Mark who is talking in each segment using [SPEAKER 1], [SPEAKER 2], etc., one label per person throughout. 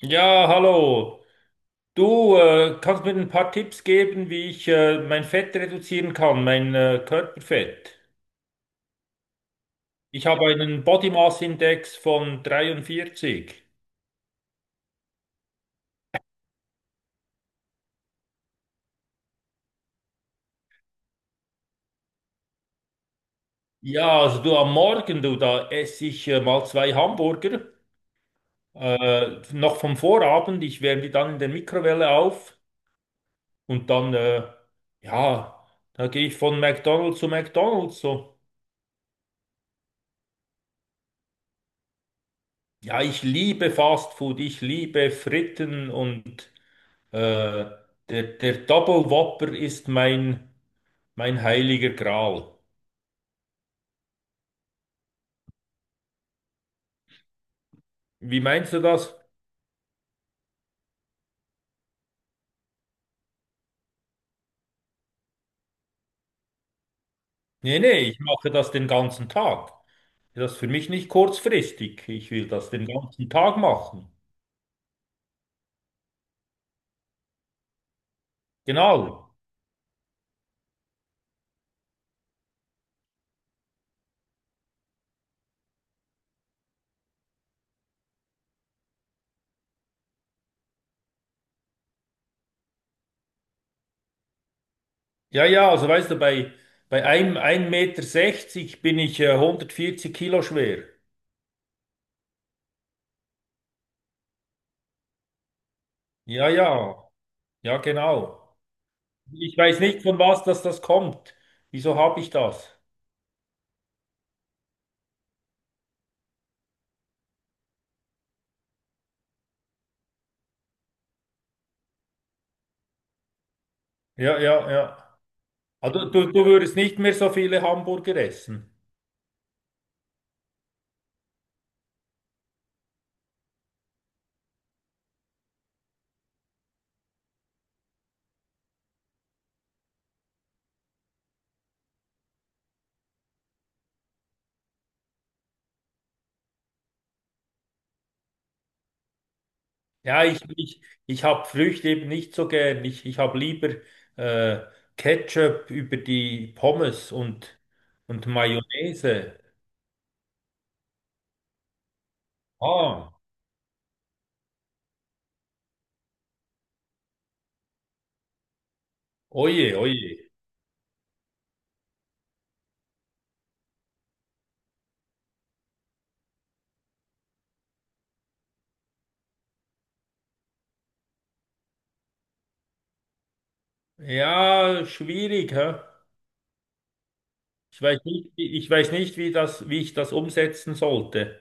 [SPEAKER 1] Ja, hallo. Du kannst mir ein paar Tipps geben, wie ich mein Fett reduzieren kann, mein Körperfett. Ich habe einen Body Mass Index von 43. Ja, also du am Morgen, du, da esse ich mal zwei Hamburger, noch vom Vorabend. Ich wärme die dann in der Mikrowelle auf und dann, ja, da gehe ich von McDonald's zu McDonald's. So. Ja, ich liebe Fast Food, ich liebe Fritten und. Äh, der Double Whopper ist mein, heiliger Gral. Wie meinst du das? Nee, nee, ich mache das den ganzen Tag. Das ist für mich nicht kurzfristig. Ich will das den ganzen Tag machen. Genau. Ja, ja, also weißt du, bei, einem 1,60 m bin ich 140 Kilo schwer. Ja, ja, ja, genau. Ich weiß nicht, von was das, kommt. Wieso habe ich das? Ja, ja, ja. Also du, würdest nicht mehr so viele Hamburger essen. Ja, ich, ich habe Früchte eben nicht so gern. Ich habe lieber äh, Ketchup über die Pommes und Mayonnaise. Ah, oje, oje. Ja, schwierig, hä? Ich weiß nicht, wie das, wie ich das umsetzen sollte.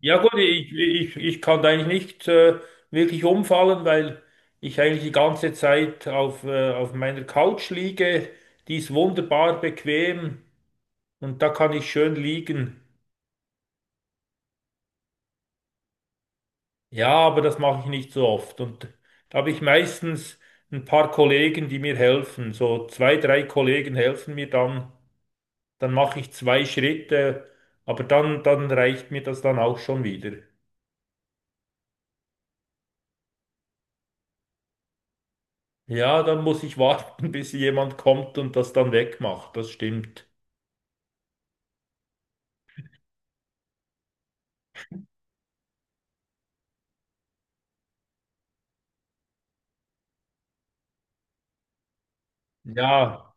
[SPEAKER 1] Ja gut, ich, ich kann da eigentlich nicht wirklich umfallen, weil ich eigentlich die ganze Zeit auf, auf meiner Couch liege. Die ist wunderbar bequem. Und da kann ich schön liegen. Ja, aber das mache ich nicht so oft. Und da habe ich meistens ein paar Kollegen, die mir helfen. So zwei, drei Kollegen helfen mir dann. Dann mache ich zwei Schritte, aber dann reicht mir das dann auch schon wieder. Ja, dann muss ich warten, bis jemand kommt und das dann wegmacht. Das stimmt. Ja,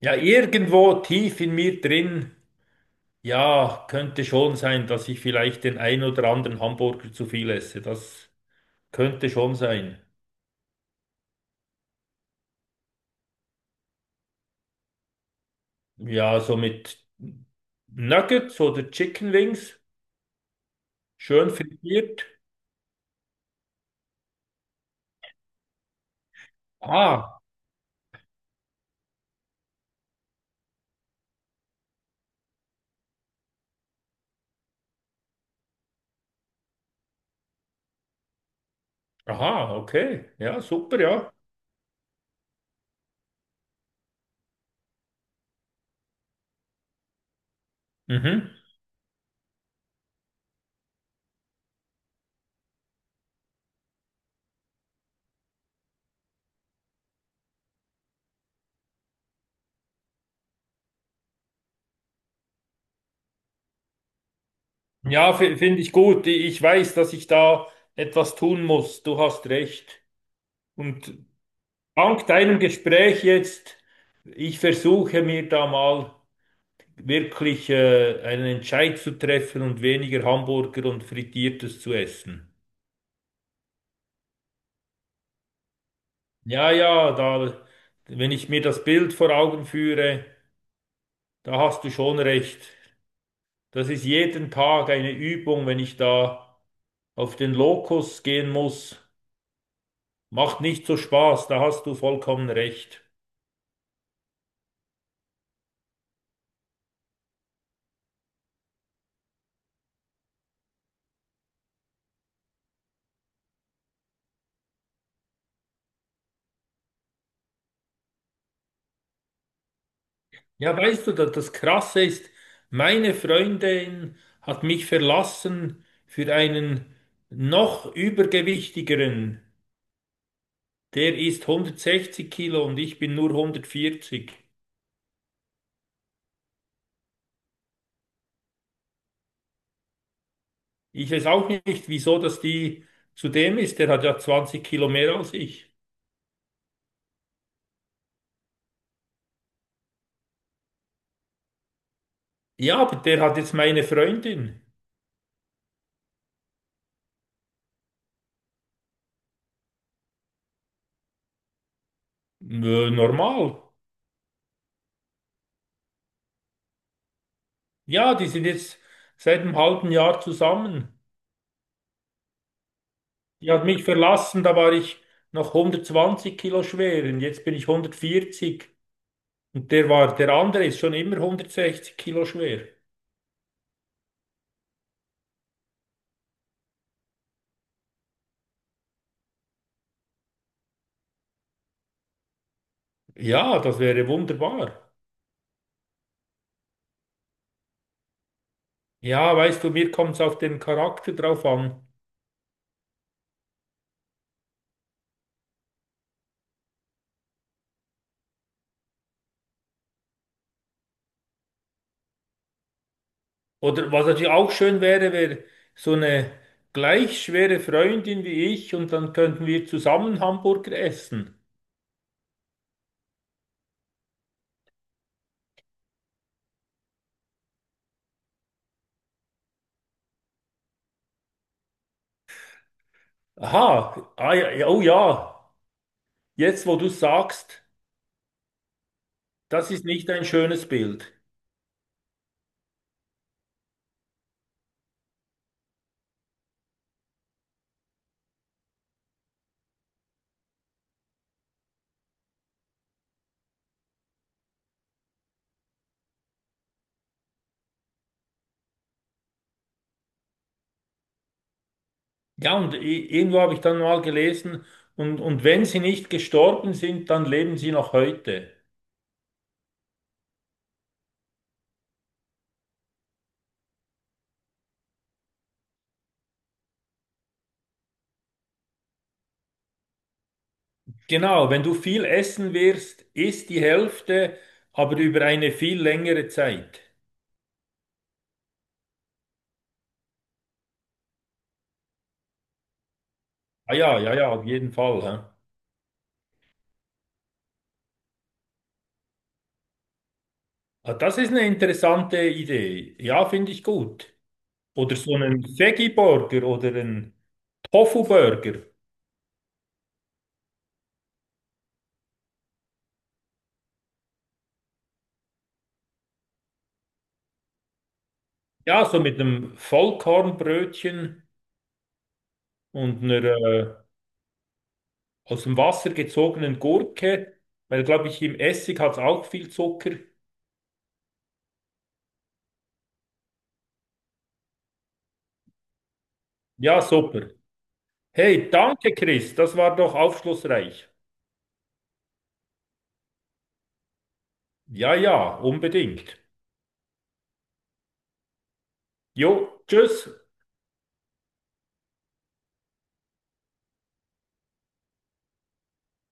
[SPEAKER 1] ja, irgendwo tief in mir drin, ja, könnte schon sein, dass ich vielleicht den ein oder anderen Hamburger zu viel esse. Das könnte schon sein. Ja, so mit Nuggets oder Chicken Wings, schön frittiert. Ah, aha, okay. Ja, super, ja. Mhm. Ja, finde ich gut. Ich weiß, dass ich da etwas tun muss. Du hast recht. Und dank deinem Gespräch jetzt, ich versuche mir da mal wirklich einen Entscheid zu treffen und weniger Hamburger und Frittiertes zu essen. Ja, ja, da, wenn ich mir das Bild vor Augen führe. Da hast du schon recht. Das ist jeden Tag eine Übung, wenn ich da auf den Lokus gehen muss. Macht nicht so Spaß, da hast du vollkommen recht. Ja, weißt du, das Krasse ist, meine Freundin hat mich verlassen für einen noch übergewichtigeren. Der ist 160 Kilo und ich bin nur 140. Ich weiß auch nicht, wieso das die zu dem ist. Der hat ja 20 Kilo mehr als ich. Ja, aber der hat jetzt meine Freundin. Nö, normal. Ja, die sind jetzt seit einem halben Jahr zusammen. Die hat mich verlassen, da war ich noch 120 Kilo schwer und jetzt bin ich 140. Und der war, der andere ist schon immer 160 Kilo schwer. Ja, das wäre wunderbar. Ja, weißt du, mir kommt es auf den Charakter drauf an. Oder was natürlich auch schön wäre, wäre so eine gleich schwere Freundin wie ich und dann könnten wir zusammen Hamburger essen. Aha, ah, ja, ja, oh ja, jetzt wo du sagst, das ist nicht ein schönes Bild. Ja, und irgendwo habe ich dann mal gelesen, und wenn sie nicht gestorben sind, dann leben sie noch heute. Genau, wenn du viel essen wirst, isst die Hälfte, aber über eine viel längere Zeit. Ah ja, ja, ja, auf jeden Fall. Hä? Ah, das ist eine interessante Idee. Ja, finde ich gut. Oder so einen Veggie-Burger oder einen Tofu-Burger. Ja, so mit einem Vollkornbrötchen und einer aus dem Wasser gezogenen Gurke, weil, glaube ich, im Essig hat es auch viel Zucker. Ja, super. Hey, danke, Chris, das war doch aufschlussreich. Ja, ja, unbedingt. Jo, tschüss.